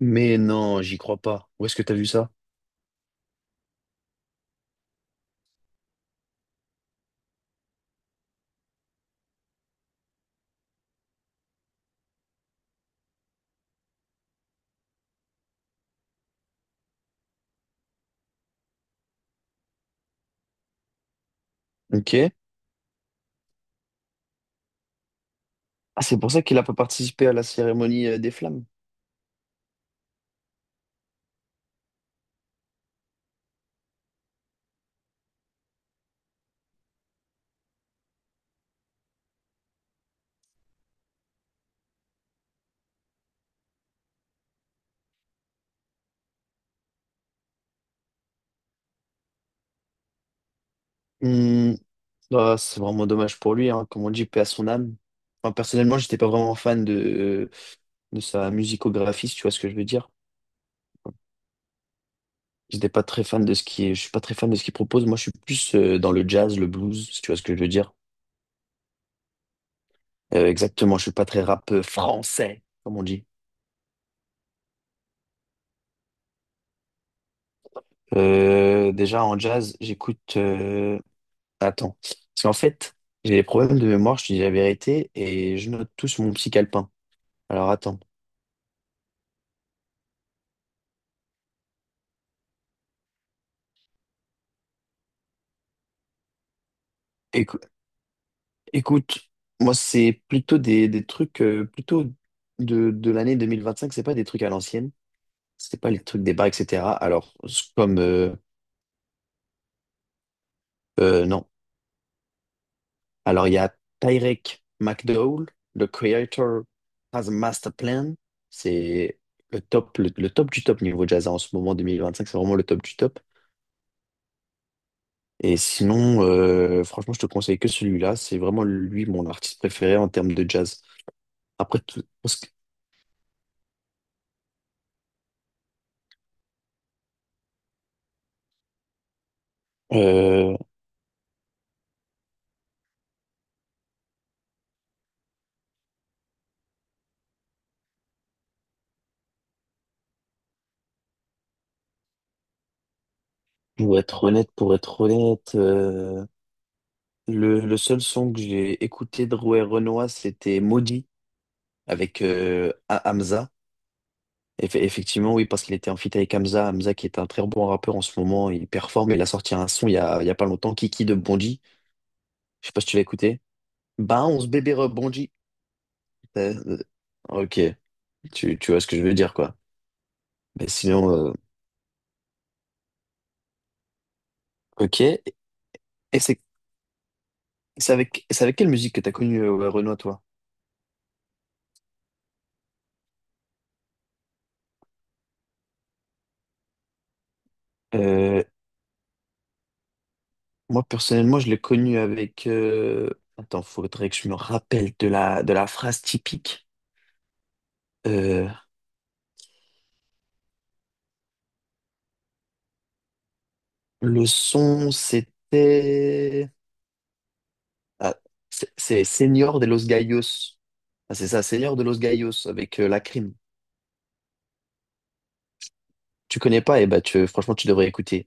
Mais non, j'y crois pas. Où est-ce que t'as vu ça? Ok. Ah, c'est pour ça qu'il a pas participé à la cérémonie des flammes. Hmm. Ah, c'est vraiment dommage pour lui, hein. Comme on dit, paix à son âme. Enfin, personnellement, j'étais pas vraiment fan de sa musicographie, si tu vois ce que je veux dire. J'étais pas très fan de ce qui, est. Je suis pas très fan de ce qu'il propose. Moi, je suis plus dans le jazz, le blues, si tu vois ce que je veux dire. Exactement, je suis pas très rap français, comme on dit. Déjà en jazz, j'écoute. Attends. Parce qu'en fait, j'ai des problèmes de mémoire, je te dis la vérité, et je note tout sur mon petit calepin. Alors attends. Écou- écoute, moi, c'est plutôt des trucs plutôt de l'année 2025. C'est pas des trucs à l'ancienne, c'est pas les trucs des bars, etc. Alors, c'est comme. Non. Alors, il y a Tyrek McDowell, le creator has a master plan. C'est le top, le top du top niveau jazz en ce moment, 2025. C'est vraiment le top du top. Et sinon, franchement, je te conseille que celui-là. C'est vraiment lui mon artiste préféré en termes de jazz. Après, tout, parce que, euh, pour être honnête, pour être honnête, le seul son que j'ai écouté de Rouet Renoir, c'était Maudit avec Hamza. Effectivement, oui, parce qu'il était en feat avec Hamza. Hamza qui est un très bon rappeur en ce moment, il performe. Il a sorti un son il y a pas longtemps, Kiki de Bonji. Je sais pas si tu l'as écouté. Bah, 11 bébé rebondit. Euh, euh, ok, tu vois ce que je veux dire, quoi. Mais sinon, ok. Et c'est c'est avec quelle musique que t'as connu Renoir, toi? Euh, Moi, personnellement, je l'ai connu avec... Attends, faudrait que je me rappelle de la phrase typique. Euh, le son, c'était... Ah, c'est Señor de los Gallos. Ah, c'est ça, Señor de los Gallos, avec la crime. Tu connais pas, et ben tu, franchement, tu devrais écouter.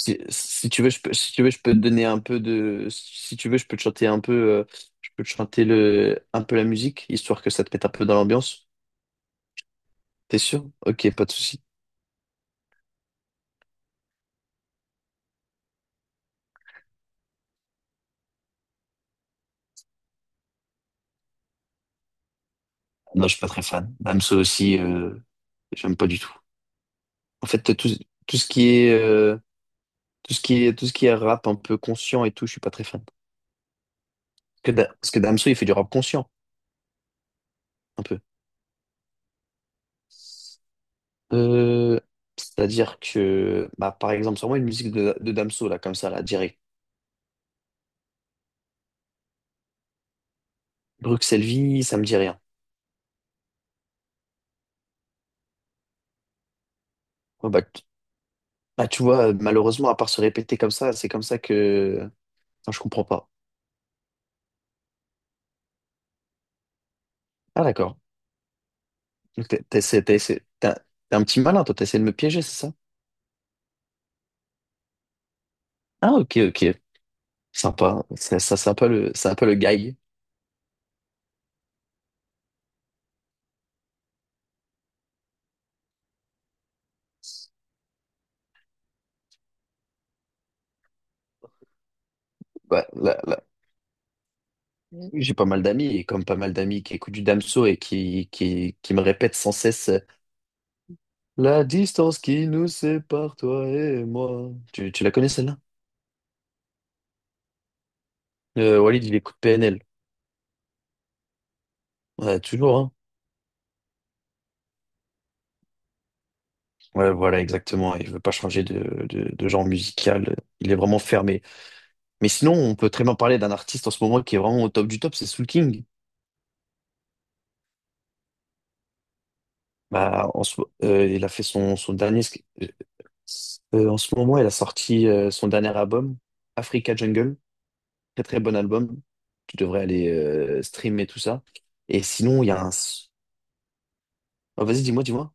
Si, si tu veux, je peux, si tu veux, je peux te donner un peu de. Si tu veux, je peux te chanter un peu. Je peux te chanter un peu la musique, histoire que ça te mette un peu dans l'ambiance. T'es sûr? Ok, pas de souci. Non, je suis pas très fan. Damso aussi, j'aime pas du tout. En fait, tout ce qui est, tout ce qui est rap un peu conscient et tout, je suis pas très fan. Parce que Damso, il fait du rap conscient, un peu. Euh, C'est-à-dire que, bah, par exemple, sur moi, une musique de Damso, là, comme ça, là, direct. Bruxelles Vie, ça me dit rien. Ouais, bah, tu vois, malheureusement, à part se répéter comme ça, c'est comme ça que. Enfin, je comprends pas. Ah, d'accord. Donc, t'es un t'es un petit malin, toi, t'essaies de me piéger, c'est ça? Ah, ok, ok. Sympa. Ça, c'est un peu c'est un peu le guy. Bah, là, là. J'ai pas mal d'amis, et comme pas mal d'amis qui écoutent du Damso et qui me répètent sans cesse la distance qui nous sépare, toi et moi. Tu la connais, celle-là? Walid, il écoute PNL. Ouais, toujours, hein. Ouais, voilà, exactement. Il veut pas changer de genre musical. Il est vraiment fermé. Mais sinon, on peut très bien parler d'un artiste en ce moment qui est vraiment au top du top, c'est Soul King. Il a fait son dernier. euh, En ce moment, il a sorti son dernier album, Africa Jungle. Très très bon album. Tu devrais aller streamer tout ça. Et sinon, il y a un. Ah, vas-y, dis-moi, dis-moi.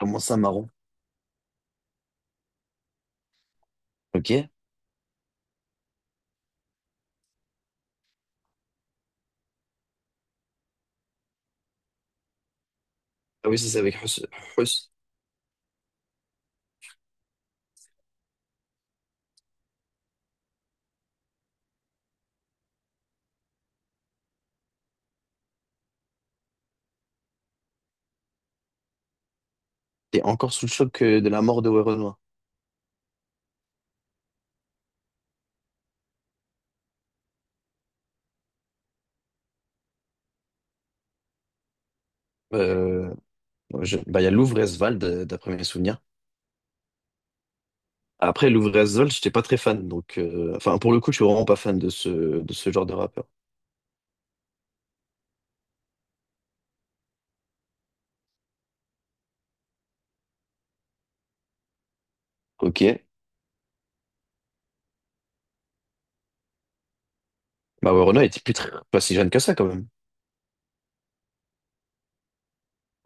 Comment ça, marron? Ok. Ah oui, ça, c'est ça, avec Hus. Hus. T'es encore sous le choc de la mort de Werenoi. Euh, Bah, il y a Louvre-Esvald, d'après mes souvenirs. Après, Louvre-Esvald, j'étais pas très fan. Donc, enfin, pour le coup, je suis vraiment pas fan de ce genre de rappeur. Ok. Bah, ouais, Renaud était pas si jeune que ça, quand même.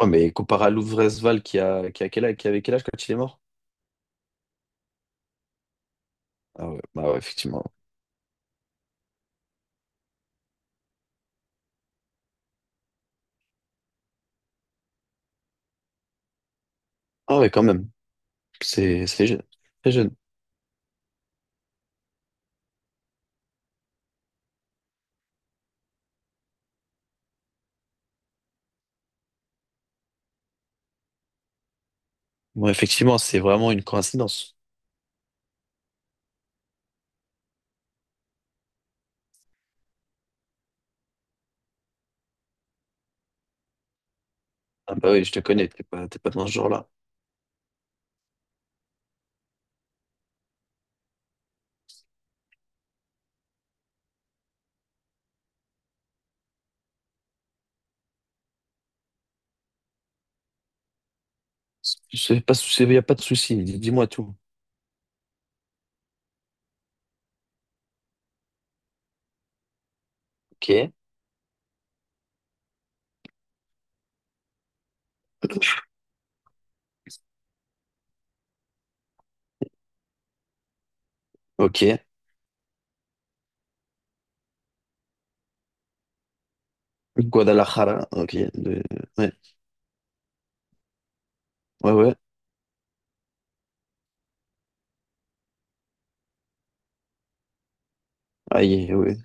Ouais, mais comparé à Louvre-Esvald, qui a quel âge, qui avait quel âge quand il est mort? Ah ouais, bah ouais, effectivement. Ah ouais, quand même. C'est jeune. Très jeune. Bon, effectivement, c'est vraiment une coïncidence. Ah bah oui, je te connais, t'es pas dans ce genre-là. C'est pas, il y a pas de souci. Dis-moi tout. Ok. Ok. Guadalajara. Ouais. Ouais, ouais. Ah, ouais.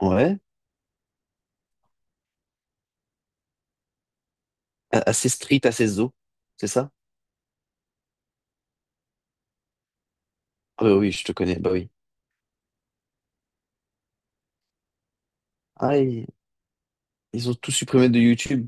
Ouais. Assez street, assez zo. C'est ça? Ah, bah oui, je te connais. Bah oui. Ah, ils, Ils ont tout supprimé de YouTube.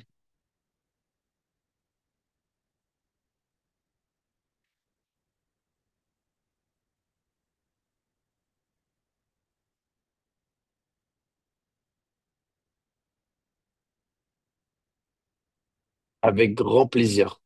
Avec grand plaisir.